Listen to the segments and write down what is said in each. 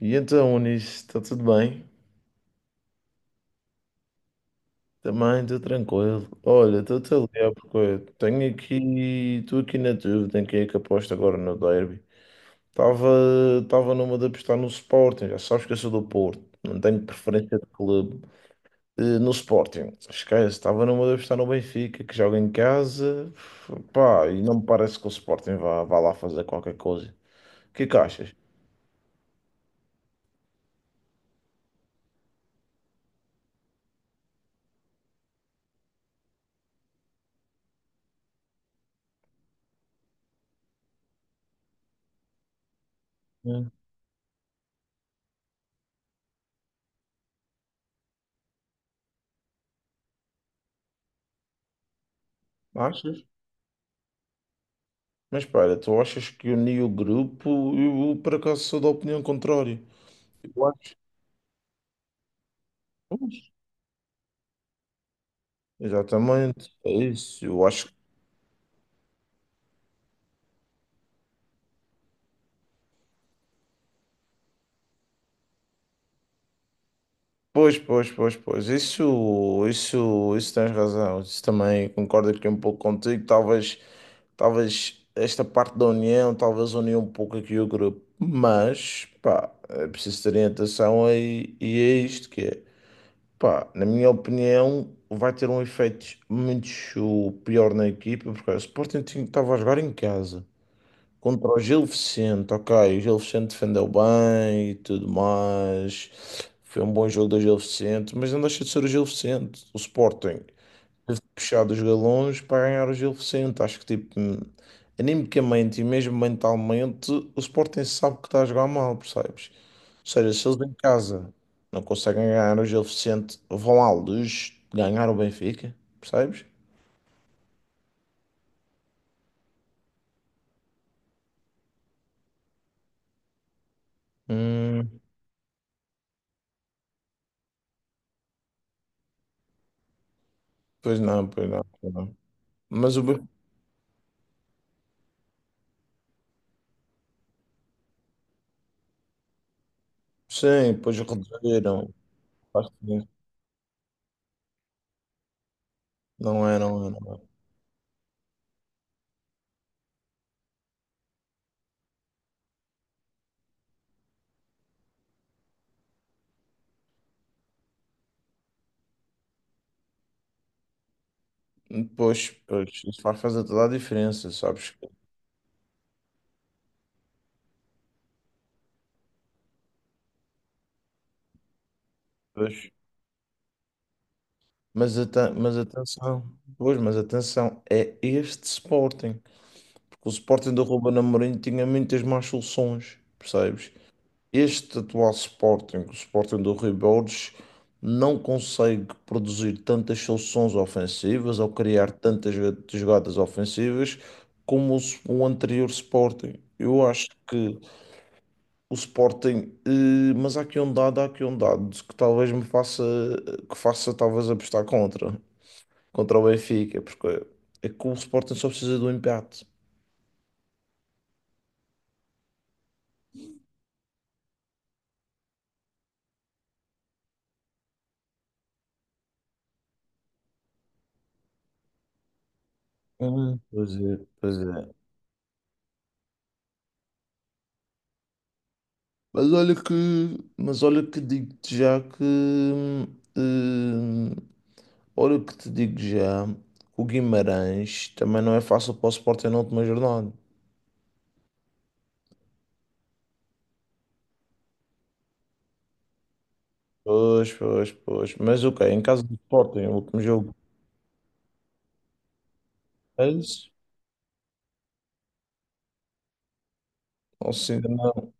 E então, Unis, está tudo bem? Também estou tranquilo. Olha, estou-te a ligar porque eu tenho aqui, estou aqui na dúvida em quem é que aposta agora no derby. Estava numa de apostar no Sporting, já sabes que eu sou do Porto, não tenho preferência de clube. No Sporting, esquece, estava numa de apostar no Benfica, que joga em casa, pá, e não me parece que o Sporting vá lá fazer qualquer coisa. O que é que achas? Hum. Achas? Mas espera, tu achas que uni o grupo? Eu, por acaso, sou da opinião contrária. Eu acho. Pois. Exatamente, é isso. Eu acho que. Pois, pois, pois, pois. Isso tens razão. Isso também concordo aqui um pouco contigo. Talvez esta parte da união, talvez unia um pouco aqui o grupo. Mas, pá, é preciso ter orientação e é isto que é. Pá, na minha opinião, vai ter um efeito muito pior na equipa, porque o Sporting estava a jogar em casa contra o Gil Vicente, ok. O Gil Vicente defendeu bem e tudo mais. Foi um bom jogo do Gil Vicente, mas não deixa de ser o Gil Vicente. O Sporting puxado os galões para ganhar o Gil Vicente. Acho que, tipo, animicamente e mesmo mentalmente, o Sporting sabe que está a jogar mal, percebes? Seja, se eles em casa não conseguem ganhar hoje o jogo suficiente, vão à luz ganhar o Benfica, percebes? Hum, pois não, pois não, pois não. Mas o Benfica, sim, pois reduziram. Faz sentido. Não é, não é, não é. Pois, pois, isso faz fazer toda a diferença, sabes? Pois, mas, mas atenção, pois, mas atenção, é este Sporting. Porque o Sporting do Ruben Amorim tinha muitas más soluções, percebes? Este atual Sporting, o Sporting do Rui Borges, não consegue produzir tantas soluções ofensivas ou criar tantas jogadas ofensivas como o anterior Sporting. Eu acho que o Sporting, mas há aqui um dado, há aqui um dado que talvez que faça talvez apostar contra o Benfica, porque é que o Sporting só precisa do empate. Pois é, pois é. Mas olha que, mas olha que digo-te já que, hum, olha que te digo já, que o Guimarães também não é fácil para o Sporting na última jornada. Pois, pois, pois. Mas ok, em casa do Sporting, o último jogo, é isso? Não se ainda não.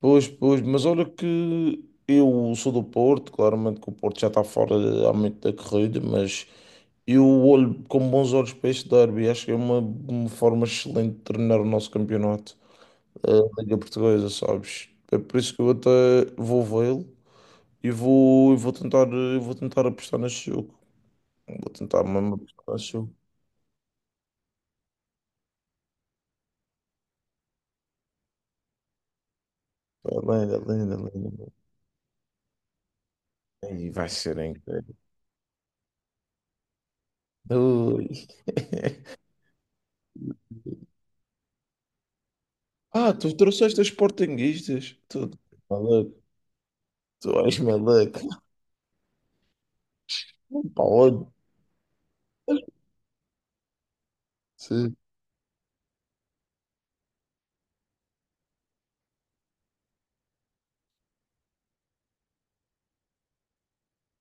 Pois, pois, mas olha que eu sou do Porto, claramente que o Porto já está fora há muito da corrida, mas eu olho com bons olhos para este derby, acho que é uma forma excelente de terminar o nosso campeonato. A Liga Portuguesa, sabes? É por isso que eu até vou vê-lo e vou tentar apostar nesse jogo. Vou tentar mesmo apostar nesse jogo. É linda, linda, linda. E vai ser incrível. Ui. Ah, tu trouxeste as sportinguistas. Tu és maluco. Tu és maluco. Para onde? Sim.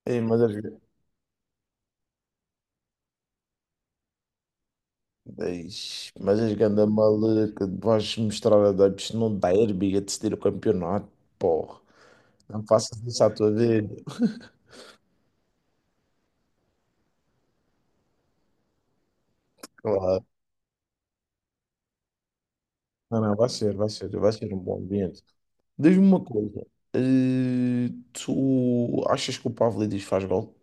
Ei, mas és, Eish, mas és ganda maluca. Vais mostrar a Debs. Não dá hérbiga de decidir o campeonato. Porra, não faças isso à tua vida. Claro. Não, não, vai ser um bom ambiente. Diz-me uma coisa, tu achas que o Pavlidis faz gol?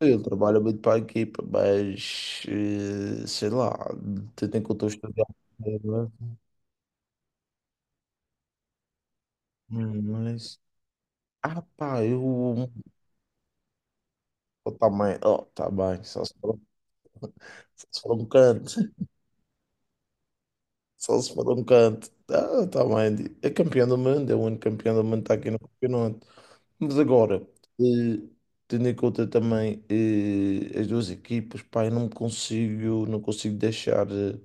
Ele trabalha muito para a equipa, mas sei lá, tendo em conta os problemas, mas ah pá, eu oh, tá bem, só se for, só se for um canto, só se for um canto, ah, tá bem, é campeão do mundo, é o único campeão do mundo que está aqui no campeonato. Mas agora, eh, tendo em conta também as duas equipas, pá, eu não me consigo, não consigo deixar, eh,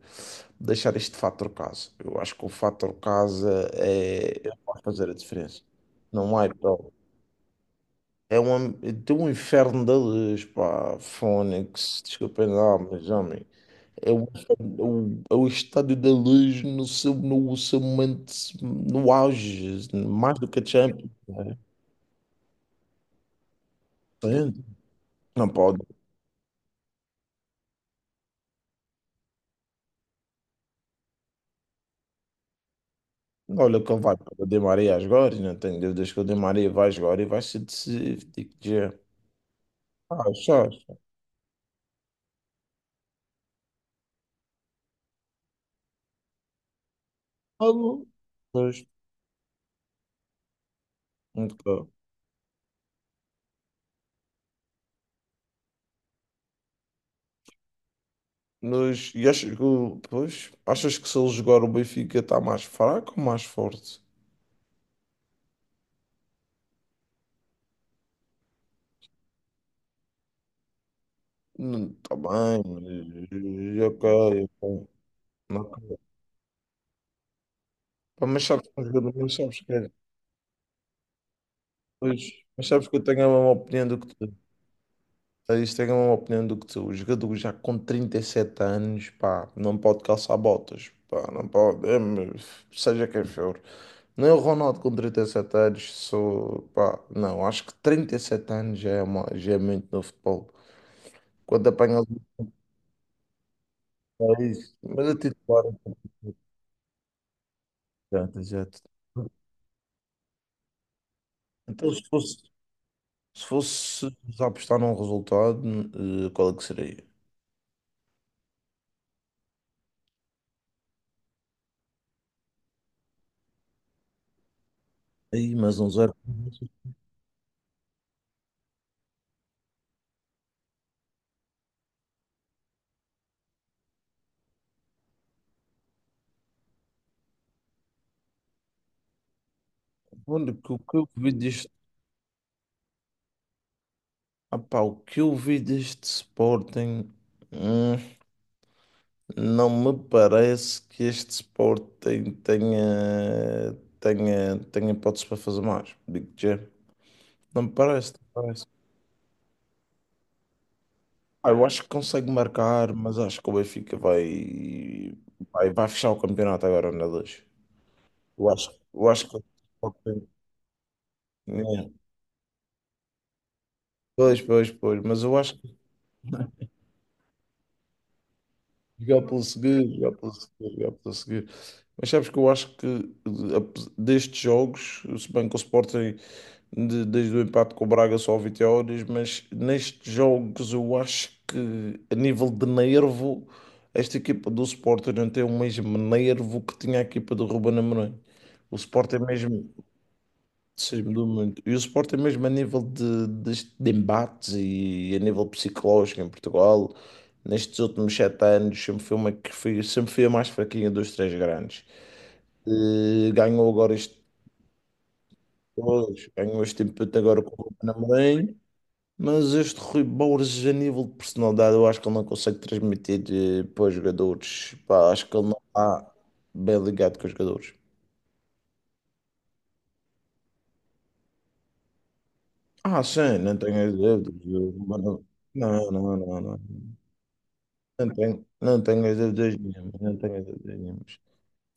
deixar este fator casa. Eu acho que o fator casa é o que vai fazer a diferença. Não há hipótese. É um, tem um inferno da luz, pá, Fónix, desculpem lá, mas homem, é o, é o estádio da luz no seu, momento, no auge, mais do que a Champions, né? Entende? Não pode. Olha que ele vai para o Di Maria a jogar, e não tenho dúvidas que o Di Maria vai jogar e vai ser decisivo. Digo-te já. Ah, achas? Algo? Pois, nunca. Mas, e achas que, pois, achas que se ele jogar o Benfica está mais fraco ou mais forte? Não, está bem, mas, ok, ok. Não, ok. Pá, mas sabes que é um jogador, mas sabes que é. Pois, mas sabes que eu tenho a mesma opinião do que tu. Ah, isto é uma opinião do que tu, o jogador já com 37 anos, pá, não pode calçar botas, pá, não pode, é, mas seja quem for. Nem o Ronaldo com 37 anos, sou, pá, não, acho que 37 anos já é muito no futebol. Quando apanhas o país, mas a titular já, já. Então, se fosse apostar num resultado, qual é que seria? Aí, mas 1-0. Olha, que o que eu vi Ah pá, o que eu vi deste Sporting, hum, não me parece que este Sporting tenha hipótese para fazer mais. Digo-te já. Não me parece, não me parece. Ah, eu acho que consegue marcar, mas acho que o Benfica vai, vai fechar o campeonato agora na 2. Eu acho que o Sporting. É. Pois, pois, pois, mas eu acho que. Jogar pelo seguro, jogar pelo seguro, jogar pelo seguro. Mas sabes que eu acho que destes jogos, se bem que o Sporting desde o empate com o Braga só 20 horas, mas nestes jogos eu acho que a nível de nervo, esta equipa do Sporting não tem o mesmo nervo que tinha a equipa do Ruben Amorim. O Sporting é mesmo. Sim, mudou muito. E o Sport é mesmo a nível de, embates e a nível psicológico em Portugal, nestes últimos 7 anos, sempre foi a mais fraquinha dos três grandes. Eh, ganhou agora este, pois, ganhou este empate agora com o Ruben Amorim, mas este Rui Borges, a nível de personalidade, eu acho que ele não consegue transmitir para os jogadores. Pá, acho que ele não está bem ligado com os jogadores. Ah, sim, não tenho dúvidas. Não, não, não, não. Não tenho as dúvidas nenhumas, não tenho as dúvidas nenhumas.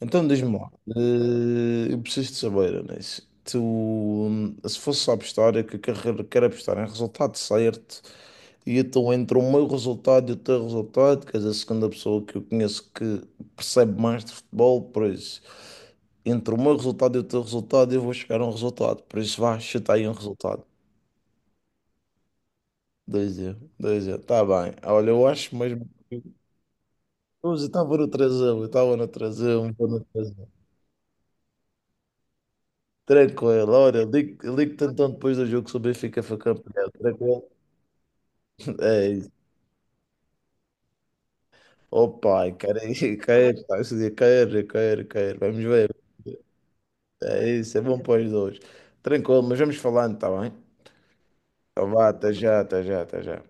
Então diz-me lá, eu preciso de saber, Anís, tu, se fosse a apostar, é que eu quero apostar em resultado certo, e então entre o meu resultado e o teu resultado, que és a segunda pessoa que eu conheço que percebe mais de futebol, por isso, entre o meu resultado e o teu resultado, eu vou chegar a um resultado, por isso vá, chuta aí um resultado. 2-0, 2-0, tá bem. Olha, eu acho mesmo. Hoje estava no trasão, eu estava no trasão, estava no trasão. Tranquilo, olha, ligo-te então depois do jogo se o Benfica for campeão, tranquilo? É isso. Oh pai, quero ir, quero, pá, esse dia quero, quero, quero, vamos ver. É isso, é bom para os dois. Tranquilo, mas vamos falando, está bem? Então vá, até já, até já, até já.